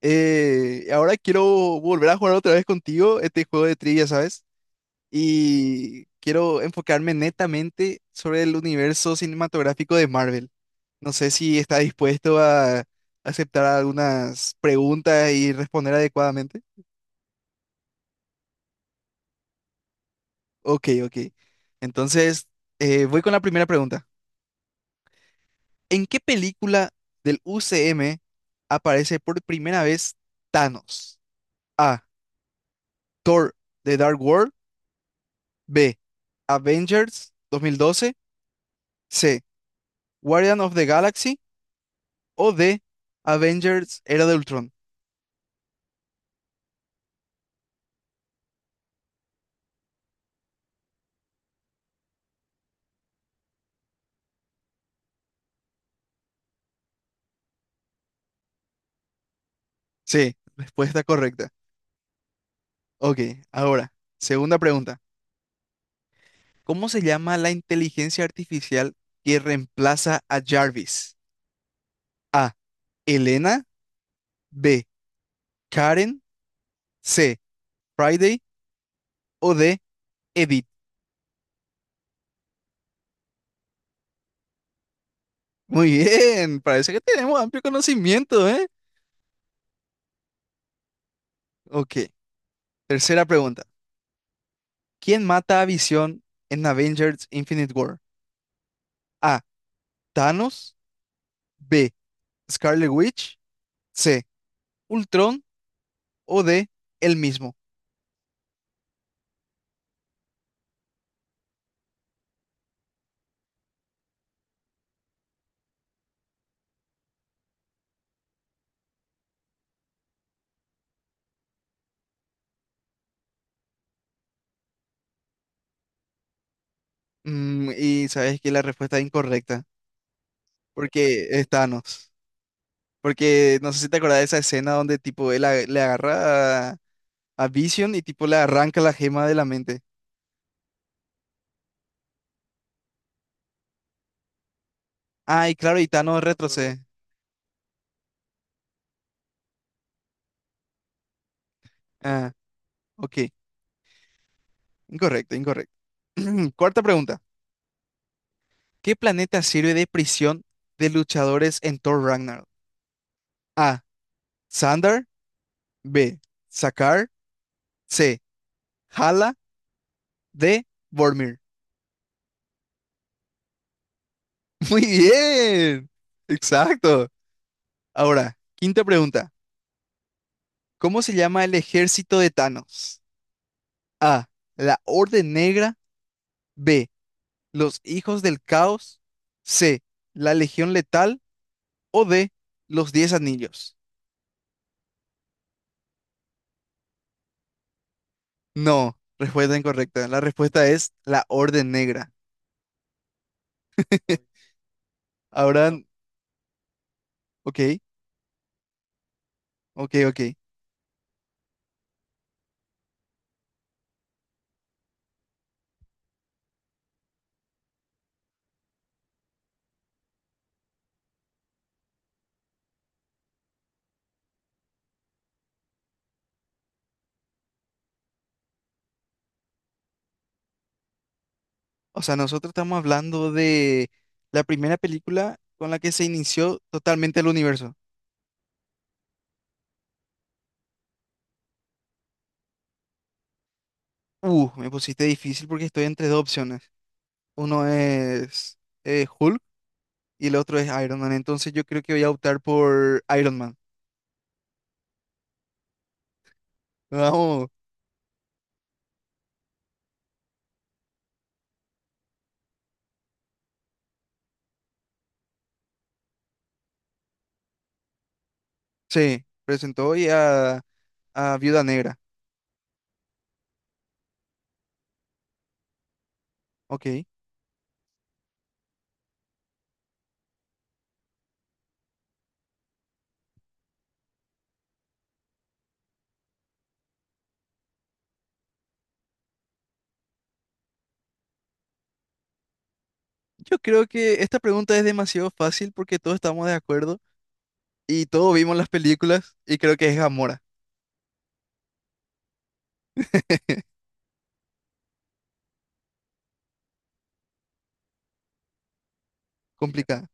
Ahora quiero volver a jugar otra vez contigo este juego de trivia, ¿sabes? Y quiero enfocarme netamente sobre el universo cinematográfico de Marvel. No sé si está dispuesto a aceptar algunas preguntas y responder adecuadamente. Ok, ok. Entonces, voy con la primera pregunta. ¿En qué película del UCM aparece por primera vez Thanos? A. Thor, The Dark World. B. Avengers 2012. C. Guardian of the Galaxy. O D. Avengers Era de Ultron. Sí. Respuesta correcta. Ok, ahora, segunda pregunta. ¿Cómo se llama la inteligencia artificial que reemplaza a Jarvis? A. Elena. B. Karen. C. Friday. O D. Edith. Muy bien, parece que tenemos amplio conocimiento, ¿eh? Ok, tercera pregunta. ¿Quién mata a Visión en Avengers Infinite War? A. Thanos, B, Scarlet Witch, C, Ultron o D, el mismo. Mm, y sabes que la respuesta es incorrecta, porque es Thanos. Porque no sé si te acordás de esa escena donde tipo le agarra a Vision y tipo le arranca la gema de la mente. Ah, y claro, y Thanos retrocede. Ah, ok. Incorrecto, incorrecto. Cuarta pregunta. ¿Qué planeta sirve de prisión de luchadores en Thor Ragnarok? A. Sandar. B. Sakaar. C. Hala de Vormir. Muy bien. Exacto. Ahora, quinta pregunta. ¿Cómo se llama el ejército de Thanos? A. La Orden Negra. B. Los Hijos del Caos. C. La Legión Letal. O D. Los Diez Anillos. No, respuesta incorrecta. La respuesta es la Orden Negra. Ahora, ok, ok, ok. O sea, nosotros estamos hablando de la primera película con la que se inició totalmente el universo. Me pusiste difícil porque estoy entre dos opciones. Uno es Hulk y el otro es Iron Man. Entonces yo creo que voy a optar por Iron Man. Vamos. Sí, presentó hoy a Viuda Negra. Ok. Yo creo que esta pregunta es demasiado fácil porque todos estamos de acuerdo y todos vimos las películas y creo que es Gamora. Complicada.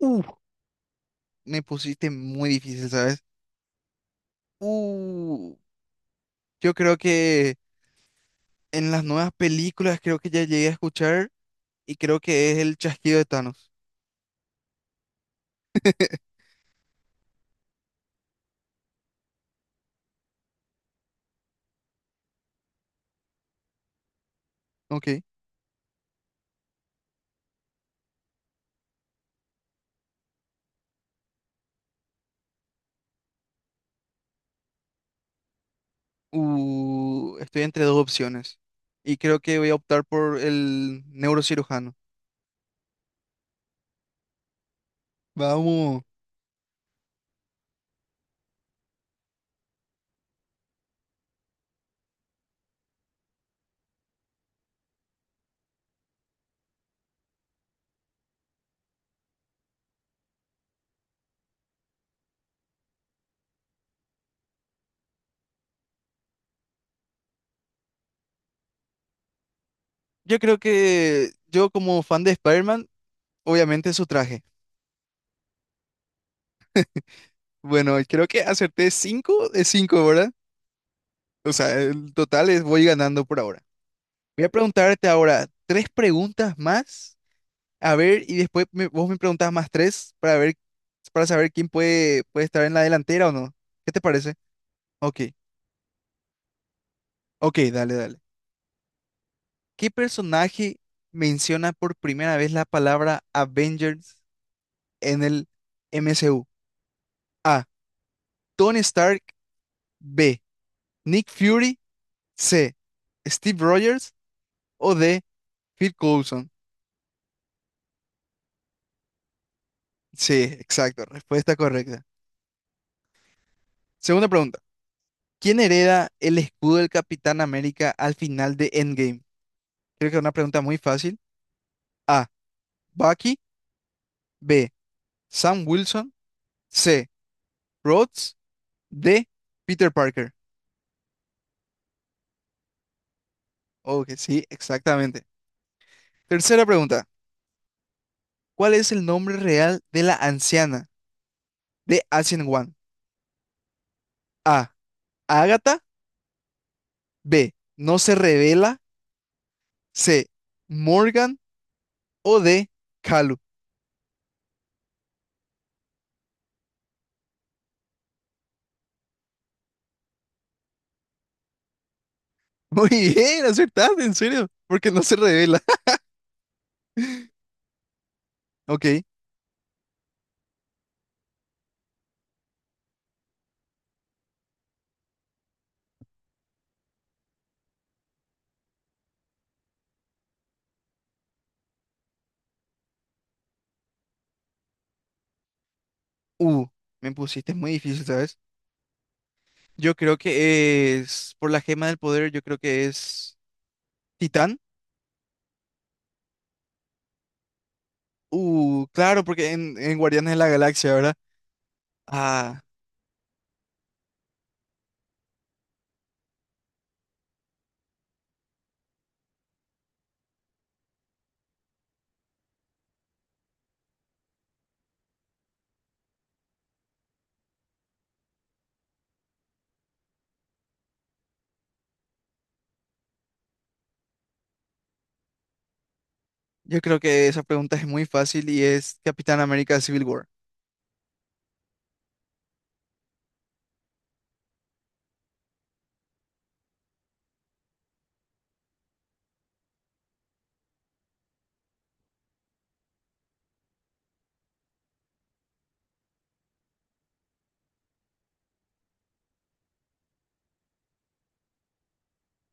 Uh, Me pusiste muy difícil, ¿sabes? Uh, yo creo que en las nuevas películas creo que ya llegué a escuchar. Y creo que es el chasquido de Thanos. Ok. Estoy entre dos opciones y creo que voy a optar por el neurocirujano. Vamos. Yo creo que yo como fan de Spider-Man, obviamente su traje. Bueno, creo que acerté 5 de 5, ¿verdad? O sea, el total es voy ganando por ahora. Voy a preguntarte ahora tres preguntas más, a ver, y después vos me preguntás más tres para ver, para saber quién puede estar en la delantera o no. ¿Qué te parece? Ok. Ok, dale, dale. ¿Qué personaje menciona por primera vez la palabra Avengers en el MCU? A. Tony Stark. B. Nick Fury. C. Steve Rogers. O D. Phil Coulson. Sí, exacto. Respuesta correcta. Segunda pregunta. ¿Quién hereda el escudo del Capitán América al final de Endgame? Creo que es una pregunta muy fácil. A. Bucky. B. Sam Wilson. C. Rhodes. D. Peter Parker. Ok, sí, exactamente. Tercera pregunta. ¿Cuál es el nombre real de la anciana de Ancient One? A. Agatha. B. No se revela. C. Morgan. O D. Kalu. Muy bien, acertaste, en serio. Porque no se revela. Ok. Uh, Me pusiste muy difícil, ¿sabes? Yo creo que es, por la gema del poder, yo creo que es Titán. Claro, porque en Guardianes de la Galaxia, ¿verdad? Ah. Yo creo que esa pregunta es muy fácil y es Capitán América Civil War.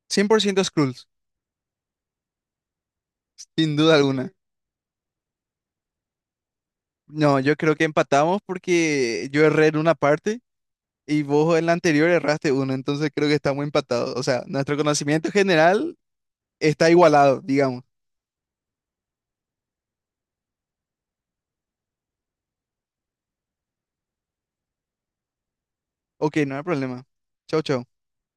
100% Skrulls, sin duda alguna. No, yo creo que empatamos porque yo erré en una parte y vos en la anterior erraste uno, entonces creo que estamos empatados. O sea, nuestro conocimiento general está igualado, digamos. Ok, no hay problema. Chau, chau.